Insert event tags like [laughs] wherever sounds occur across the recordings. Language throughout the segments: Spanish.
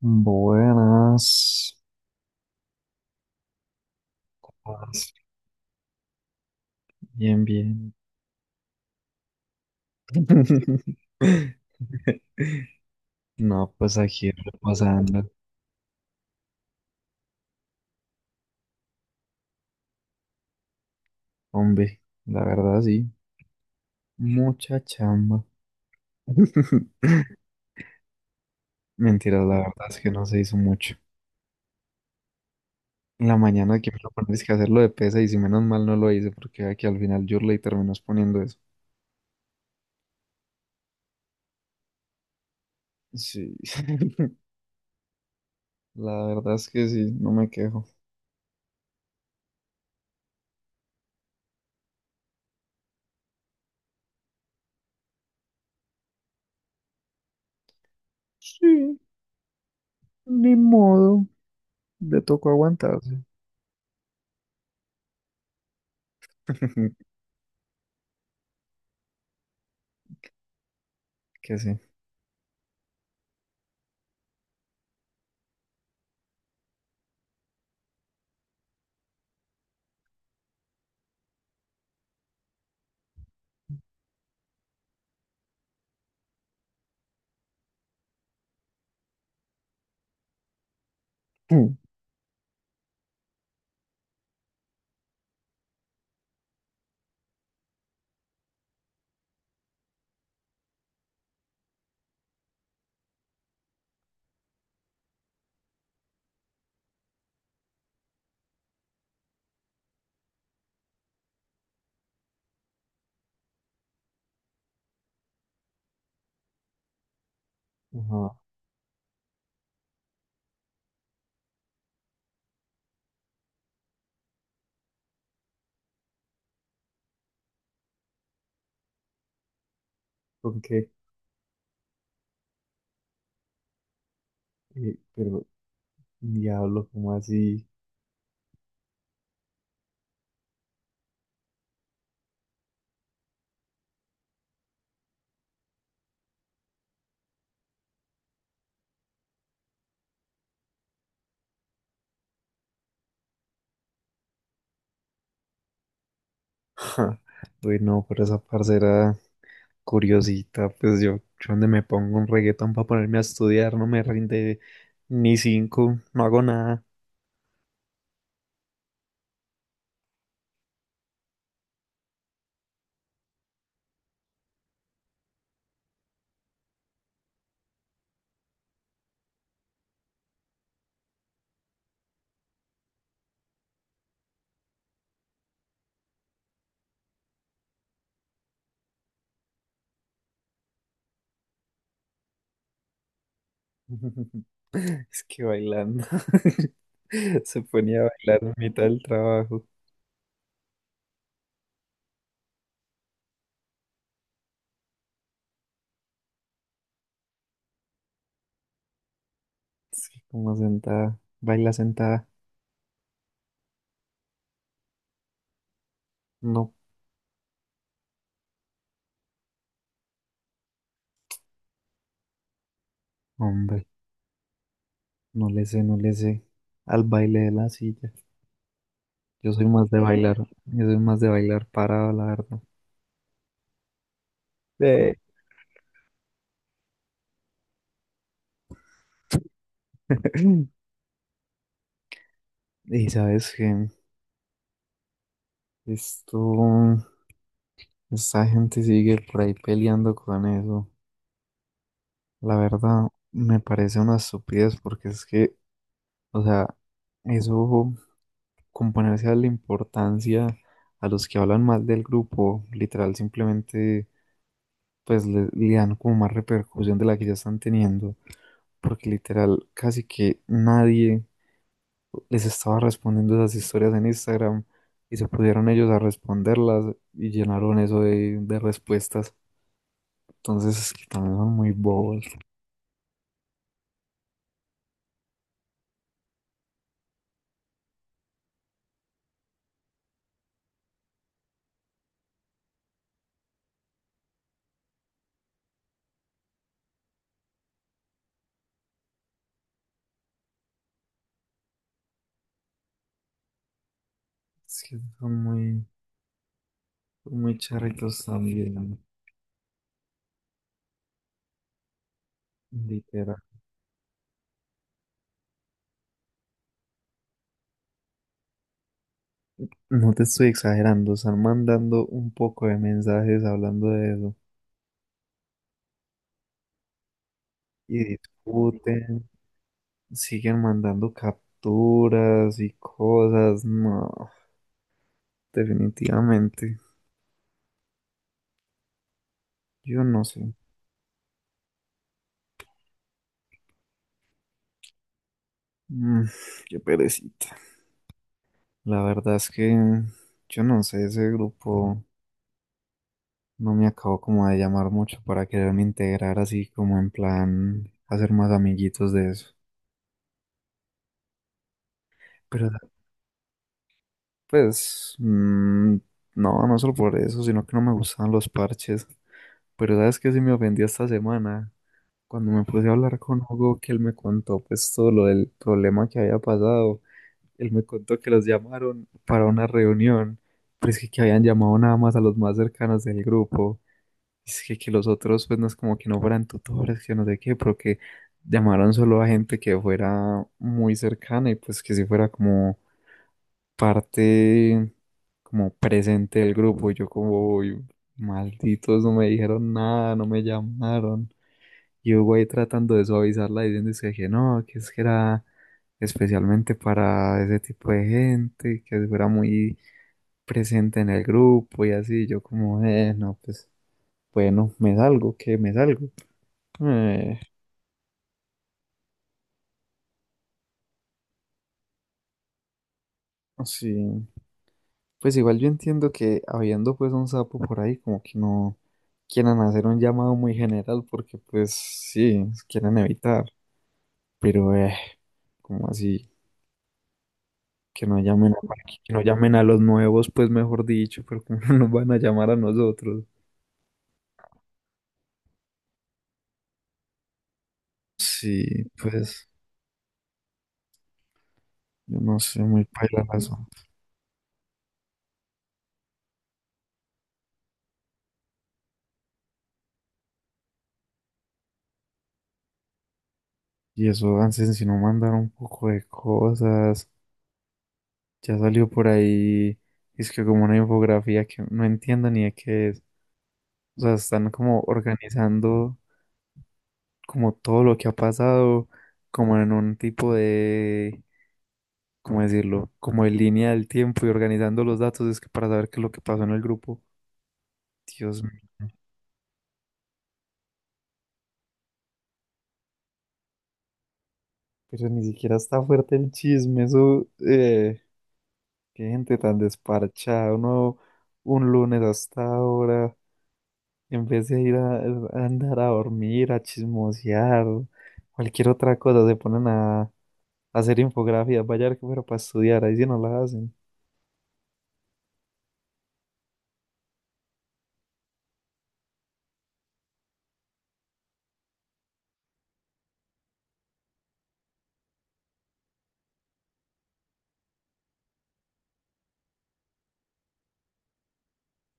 Buenas. Buenas. Bien, bien. [laughs] No, pues aquí repasando. Hombre, la verdad sí. Mucha chamba. [laughs] Mentira, la verdad es que no se hizo mucho. En la mañana que me lo pones que hacerlo de pesa y si menos mal no lo hice porque aquí al final yo le terminó exponiendo eso. Sí, [laughs] la verdad es que sí, no me quejo. Sí, ni modo, le tocó aguantarse. [laughs] Que sí. Mm. Ajá. ¿Con qué? Pero, diablo, ¿cómo así? [laughs] Ja, uy, no, pero esa parcera curiosita, pues yo donde me pongo un reggaetón para ponerme a estudiar, no me rinde ni cinco, no hago nada. [laughs] Es que bailando. [laughs] Se ponía a bailar en mitad del trabajo. Es que como sentada, baila sentada. No, hombre, no le sé, no le sé. Al baile de la silla. Yo soy más de bailar parado, la verdad. Eh. [laughs] Y sabes que esto, esta gente sigue por ahí peleando con eso. La verdad, me parece una estupidez porque es que, o sea, eso componerse a la importancia a los que hablan mal del grupo, literal, simplemente pues le dan como más repercusión de la que ya están teniendo. Porque literal, casi que nadie les estaba respondiendo esas historias en Instagram y se pusieron ellos a responderlas y llenaron eso de respuestas. Entonces, es que también son muy bobos. Es que son muy charritos también, literal. No te estoy exagerando, están mandando un poco de mensajes hablando de eso y discuten, siguen mandando capturas y cosas. No, definitivamente, yo no sé. Mm, qué perecita. La verdad es que yo no sé, ese grupo no me acabó como de llamar mucho para quererme integrar así como en plan hacer más amiguitos de eso. Pero pues mm, no, no solo por eso, sino que no me gustaban los parches. Pero sabes que sí me ofendí esta semana cuando me puse a hablar con Hugo que él me contó pues todo lo del problema que había pasado. Él me contó que los llamaron para una reunión, pero que habían llamado nada más a los más cercanos del grupo. Que los otros, pues no es como que no fueran tutores, que no sé qué, pero que llamaron solo a gente que fuera muy cercana y pues que si fuera como parte, como presente del grupo. Y yo como: "Uy, malditos, no me dijeron nada, no me llamaron". Y yo voy tratando de suavizarla diciendo que no, que es que era especialmente para ese tipo de gente, que si fuera muy presente en el grupo y así. Yo como: "No, pues bueno, me salgo, que me salgo". Eh, no, sí. Pues igual yo entiendo que habiendo pues un sapo por ahí, como que no quieran hacer un llamado muy general porque pues sí, quieren evitar. Pero como así, que no llamen a, que no llamen a los nuevos, pues mejor dicho, pero como [laughs] no nos van a llamar a nosotros. Sí, pues yo no sé, muy paila el asunto. Y eso, antes si no mandaron un poco de cosas, ya salió por ahí, es que como una infografía que no entiendo ni de qué es. O sea, están como organizando como todo lo que ha pasado, como en un tipo de, ¿cómo decirlo? Como en línea del tiempo y organizando los datos es que para saber qué es lo que pasó en el grupo. Dios mío, pero ni siquiera está fuerte el chisme, eso, qué gente tan desparchada, uno un lunes hasta ahora, en vez de ir a andar a dormir, a chismosear, cualquier otra cosa, se ponen a hacer infografías, vaya a ver que fuera para estudiar, ahí sí no la hacen.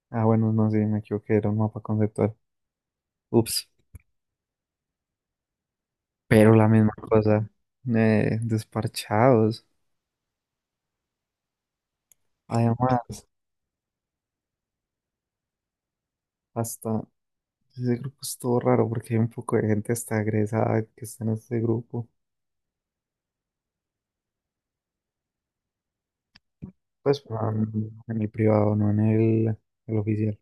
Ah, bueno, no, sí, me equivoqué, era un mapa conceptual. Ups, pero la misma cosa. Desparchados. Además, hasta ese grupo es todo raro porque hay un poco de gente hasta egresada que está en este grupo. Pues no, en el privado, no en el oficial.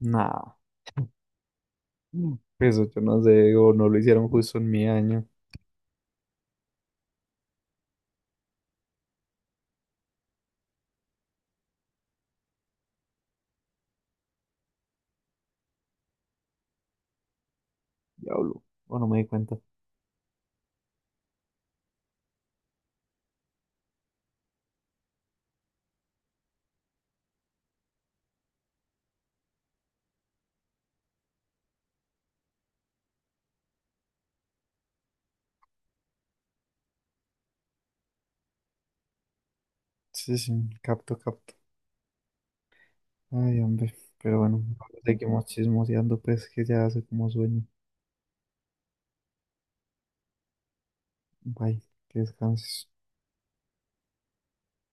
Nada. [laughs] Eso yo no sé, o no lo hicieron justo en mi año. Diablo, o no me di cuenta. Sí, sí, capto, capto. Ay, hombre, pero bueno, seguimos chismoseando, pues que ya hace como sueño. Bye, que descanses.